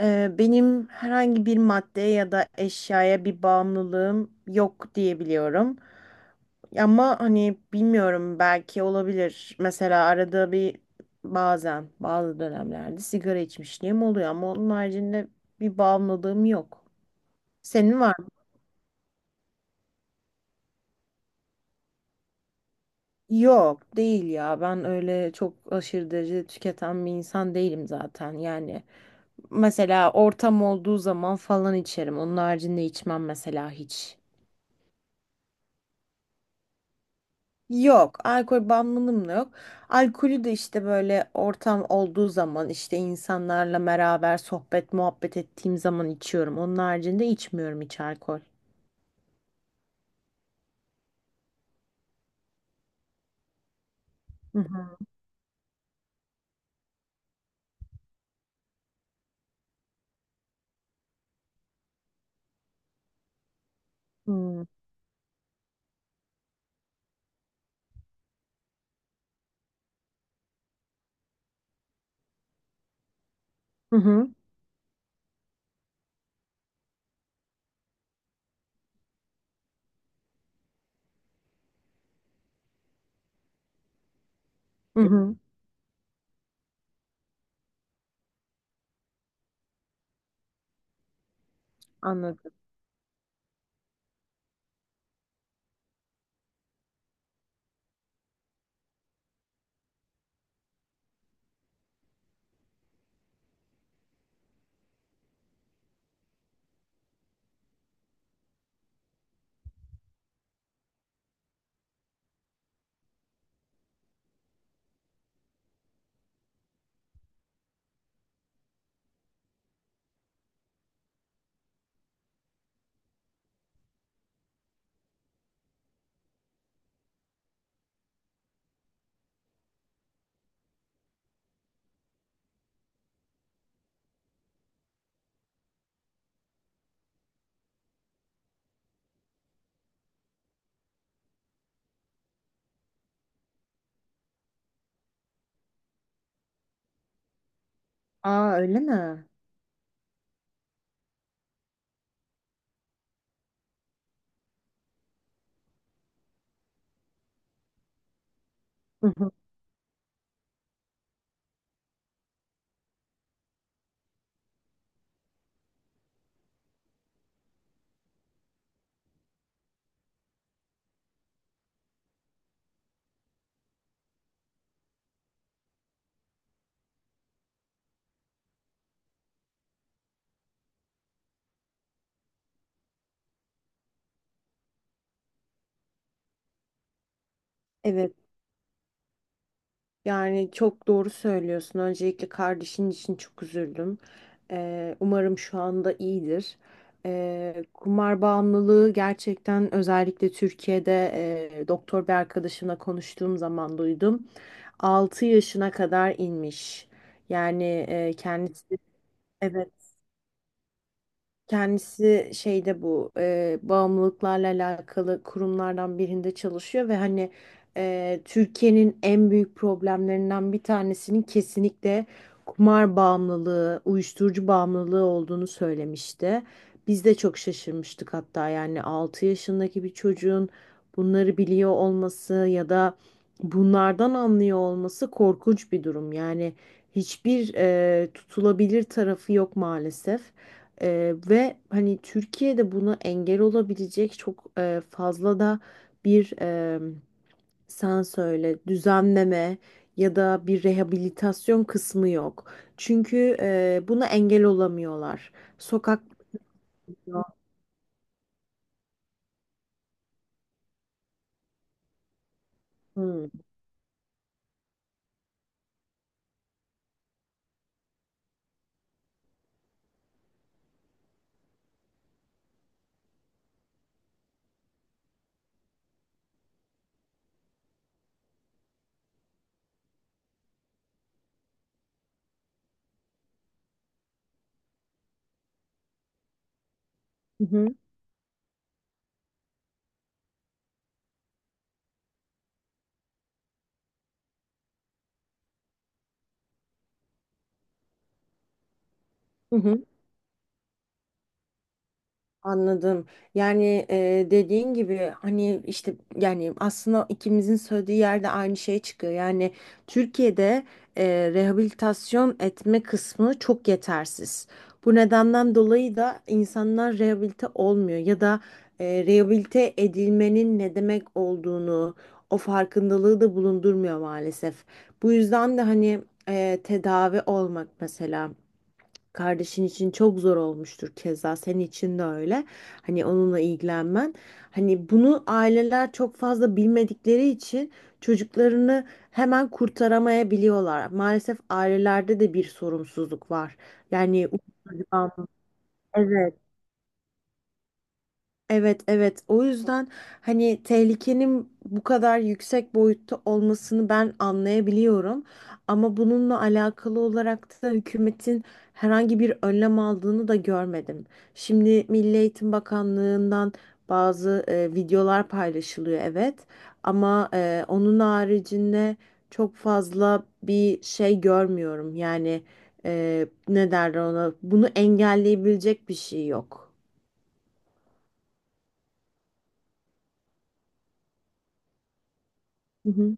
Benim herhangi bir maddeye ya da eşyaya bir bağımlılığım yok diyebiliyorum. Ama hani bilmiyorum, belki olabilir. Mesela arada bir bazen bazı dönemlerde sigara içmişliğim oluyor, ama onun haricinde bir bağımlılığım yok. Senin var mı? Yok değil ya, ben öyle çok aşırı derecede tüketen bir insan değilim zaten yani. Mesela ortam olduğu zaman falan içerim. Onun haricinde içmem mesela hiç. Yok, alkol bağımlılığım da yok. Alkolü de işte böyle ortam olduğu zaman, işte insanlarla beraber sohbet muhabbet ettiğim zaman içiyorum. Onun haricinde içmiyorum hiç alkol. Hı hı. Hı hı. Hı hı. Hı hı. Anladım. Aa, öyle mi? Hı hı. Evet. Yani çok doğru söylüyorsun. Öncelikle kardeşin için çok üzüldüm. Umarım şu anda iyidir. Kumar bağımlılığı gerçekten özellikle Türkiye'de doktor bir arkadaşımla konuştuğum zaman duydum. 6 yaşına kadar inmiş. Yani kendisi, evet. Kendisi şeyde, bu bağımlılıklarla alakalı kurumlardan birinde çalışıyor ve hani Türkiye'nin en büyük problemlerinden bir tanesinin kesinlikle kumar bağımlılığı, uyuşturucu bağımlılığı olduğunu söylemişti. Biz de çok şaşırmıştık hatta, yani 6 yaşındaki bir çocuğun bunları biliyor olması ya da bunlardan anlıyor olması korkunç bir durum. Yani hiçbir tutulabilir tarafı yok maalesef. Ve hani Türkiye'de buna engel olabilecek çok fazla da bir sen söyle düzenleme ya da bir rehabilitasyon kısmı yok. Çünkü buna engel olamıyorlar. Sokak. Hı hı. Hı hı. Anladım. Yani dediğin gibi, hani işte, yani aslında ikimizin söylediği yerde aynı şey çıkıyor. Yani Türkiye'de rehabilitasyon etme kısmı çok yetersiz. Bu nedenden dolayı da insanlar rehabilite olmuyor ya da rehabilite edilmenin ne demek olduğunu, o farkındalığı da bulundurmuyor maalesef. Bu yüzden de hani tedavi olmak mesela. Kardeşin için çok zor olmuştur, keza senin için de öyle. Hani onunla ilgilenmen. Hani bunu aileler çok fazla bilmedikleri için çocuklarını hemen kurtaramayabiliyorlar. Maalesef ailelerde de bir sorumsuzluk var. Yani. Evet. Evet, evet, o yüzden hani tehlikenin bu kadar yüksek boyutta olmasını ben anlayabiliyorum, ama bununla alakalı olarak da hükümetin herhangi bir önlem aldığını da görmedim. Şimdi Milli Eğitim Bakanlığı'ndan bazı videolar paylaşılıyor, evet, ama onun haricinde çok fazla bir şey görmüyorum, yani ne derler ona, bunu engelleyebilecek bir şey yok. Hı hı.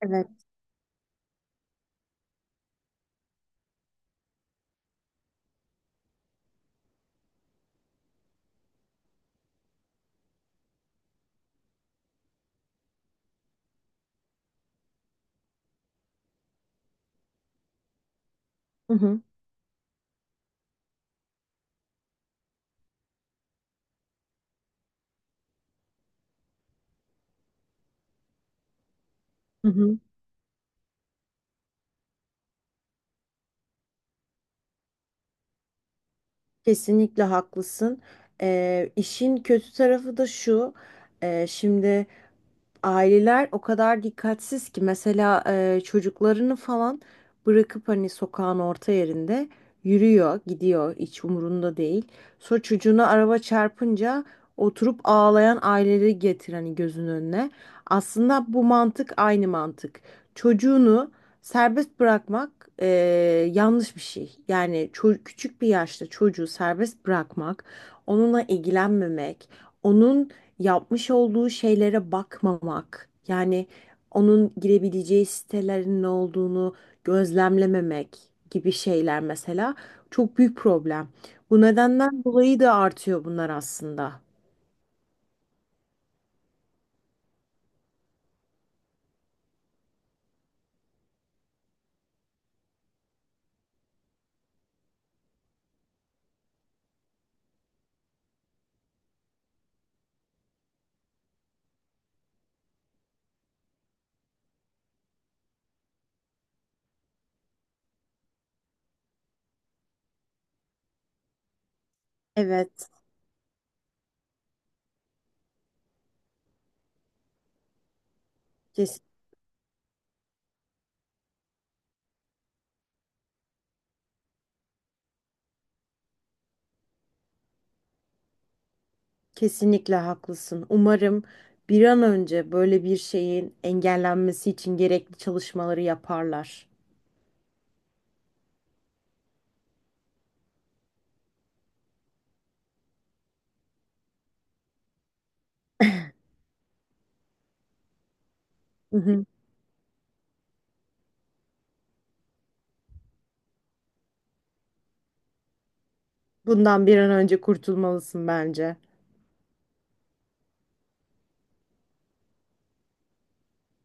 Evet. Hı hı. Hı hı. Kesinlikle haklısın. İşin kötü tarafı da şu. Şimdi aileler o kadar dikkatsiz ki, mesela çocuklarını falan bırakıp hani sokağın orta yerinde yürüyor, gidiyor, hiç umurunda değil. Sonra çocuğuna araba çarpınca oturup ağlayan aileleri getir hani gözünün önüne. Aslında bu mantık aynı mantık. Çocuğunu serbest bırakmak e, yanlış bir şey. Yani küçük bir yaşta çocuğu serbest bırakmak, onunla ilgilenmemek, onun yapmış olduğu şeylere bakmamak, yani onun girebileceği sitelerin ne olduğunu gözlemlememek gibi şeyler mesela çok büyük problem. Bu nedenden dolayı da artıyor bunlar aslında. Evet, kes- kesinlikle haklısın. Umarım bir an önce böyle bir şeyin engellenmesi için gerekli çalışmaları yaparlar. Hı hı. Bundan bir an önce kurtulmalısın bence.